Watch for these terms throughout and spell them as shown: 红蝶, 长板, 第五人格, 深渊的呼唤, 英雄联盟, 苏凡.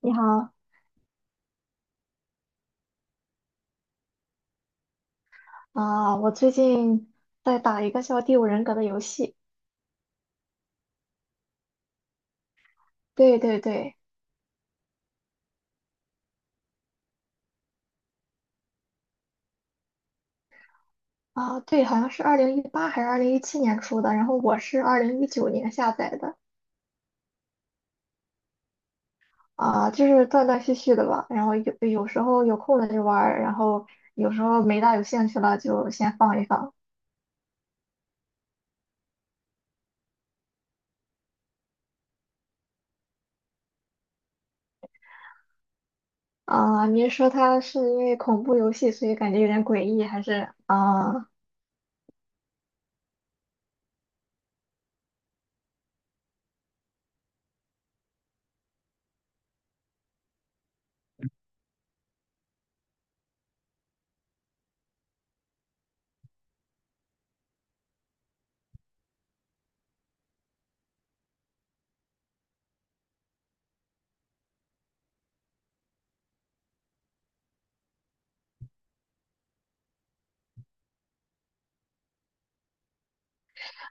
你好。我最近在打一个叫《第五人格》的游戏。对对对。对，好像是2018还是2017年出的，然后我是2019年下载的。就是断断续续的吧。然后有时候有空了就玩儿，然后有时候没大有兴趣了就先放一放。您说它是因为恐怖游戏，所以感觉有点诡异，还是啊？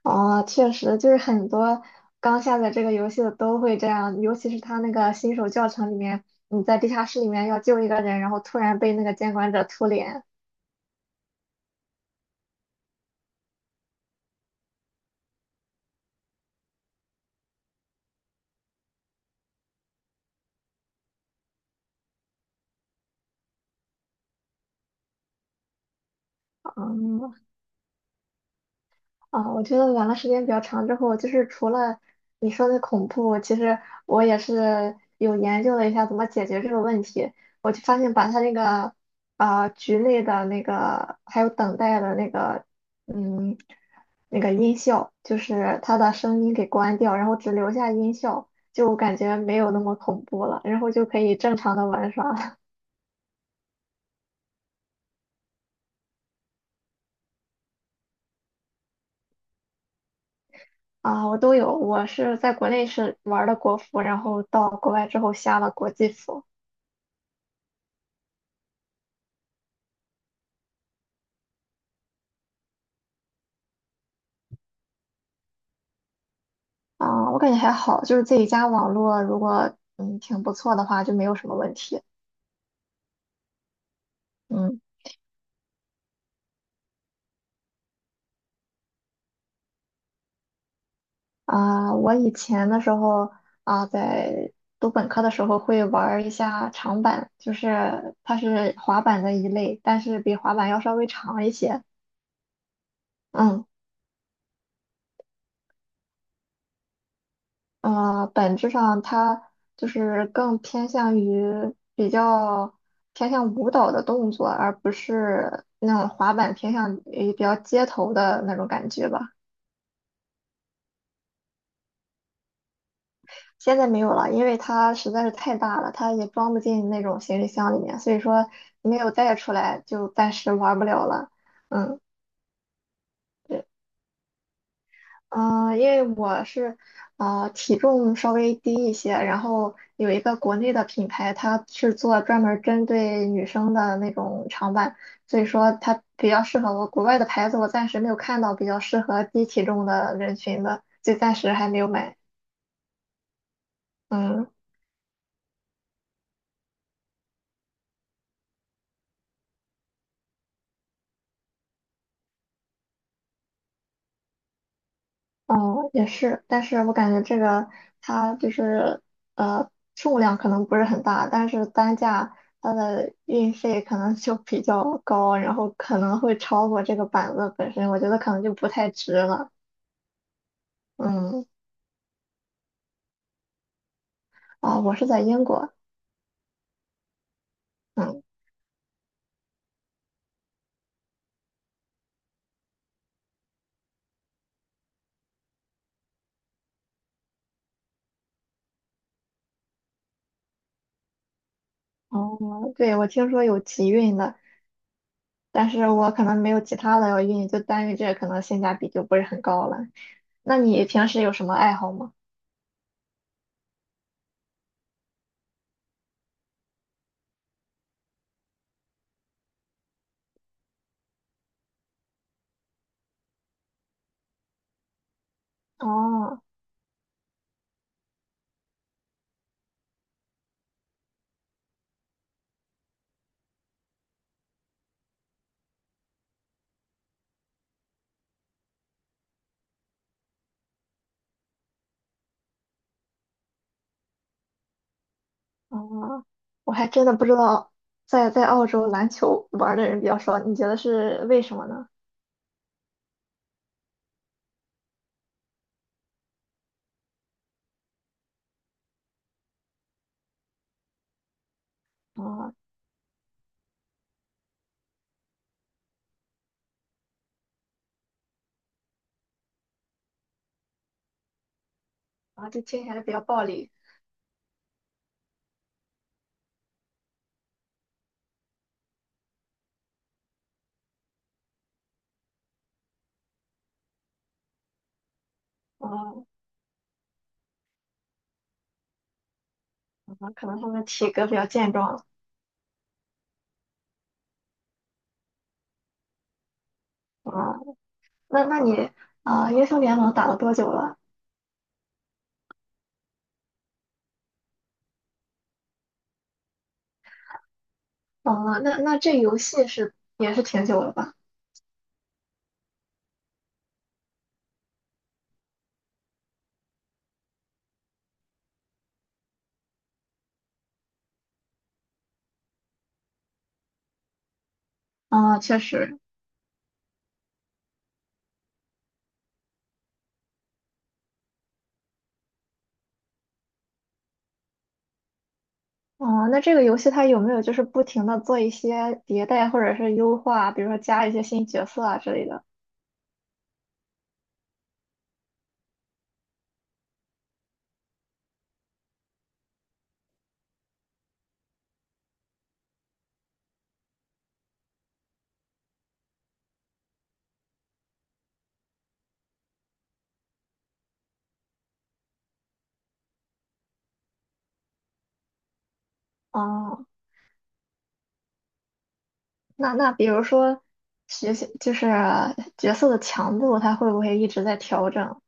哦，确实，就是很多刚下载这个游戏的都会这样，尤其是他那个新手教程里面，你在地下室里面要救一个人，然后突然被那个监管者突脸。嗯。我觉得玩了时间比较长之后，就是除了你说的恐怖，其实我也是有研究了一下怎么解决这个问题。我就发现把它那个局内的那个还有等待的那个嗯那个音效，就是它的声音给关掉，然后只留下音效，就感觉没有那么恐怖了，然后就可以正常的玩耍了。我都有，我是在国内是玩的国服，然后到国外之后下了国际服。我感觉还好，就是自己家网络如果挺不错的话，就没有什么问题。嗯我以前的时候，在读本科的时候会玩儿一下长板，就是它是滑板的一类，但是比滑板要稍微长一些。嗯本质上它就是更偏向于比较偏向舞蹈的动作，而不是那种滑板偏向于比较街头的那种感觉吧。现在没有了，因为它实在是太大了，它也装不进那种行李箱里面，所以说没有带出来，就暂时玩不了了。嗯，对，嗯、因为我是体重稍微低一些，然后有一个国内的品牌，它是做专门儿针对女生的那种长板，所以说它比较适合我。国外的牌子我暂时没有看到比较适合低体重的人群的，就暂时还没有买。嗯。哦，也是，但是我感觉这个它就是呃数量可能不是很大，但是单价它的运费可能就比较高，然后可能会超过这个板子本身，我觉得可能就不太值了。嗯，我是在英国。嗯。哦，对，我听说有集运的，但是我可能没有其他的要运，就单运这个可能性价比就不是很高了。那你平时有什么爱好吗？哦。哦，我还真的不知道，在澳洲篮球玩儿的人比较少，你觉得是为什么呢？啊、就听起来比较暴力。啊、可能他们体格比较健壮。哦，那你英雄联盟打了多久了？啊、那这游戏是也是挺久了吧？确实。哦，那这个游戏它有没有就是不停的做一些迭代或者是优化，比如说加一些新角色啊之类的？啊、那比如说学习就是角色的强度，它会不会一直在调整？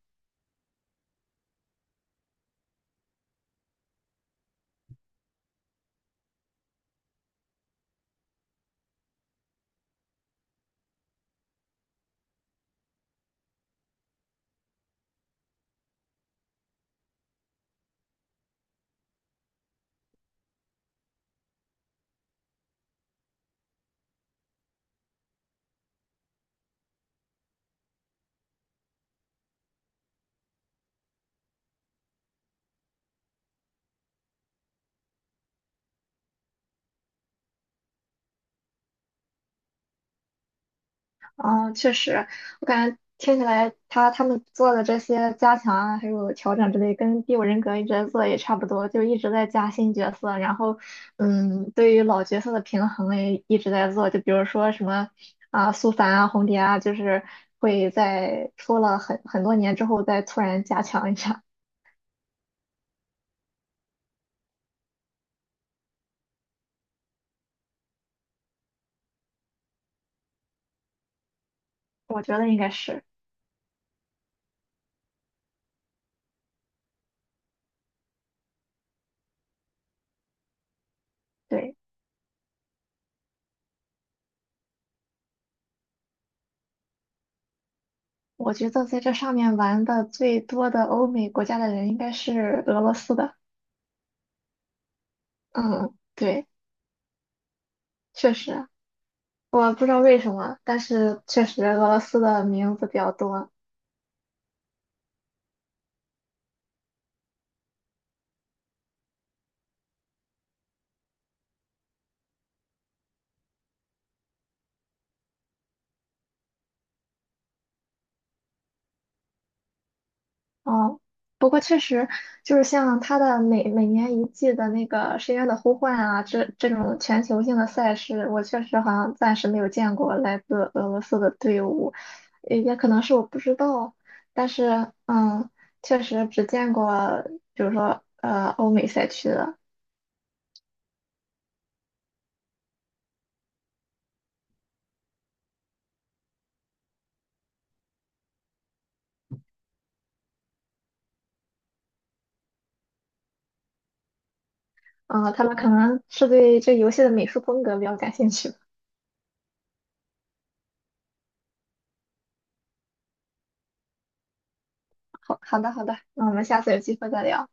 确实，我感觉听起来他们做的这些加强啊，还有调整之类，跟《第五人格》一直在做也差不多，就一直在加新角色，然后对于老角色的平衡也一直在做，就比如说什么啊，苏凡啊，红蝶啊，就是会在出了很多年之后再突然加强一下。我觉得应该是对。我觉得在这上面玩的最多的欧美国家的人应该是俄罗斯的。嗯，对，确实，我不知道为什么，但是确实俄罗斯的名字比较多。哦，不过确实就是像它的每年一季的那个《深渊的呼唤》啊，这种全球性的赛事，我确实好像暂时没有见过来自俄罗斯的队伍，也可能是我不知道，但是确实只见过，比如说欧美赛区的。嗯，他们可能是对这游戏的美术风格比较感兴趣吧。好，好的，好的，那我们下次有机会再聊。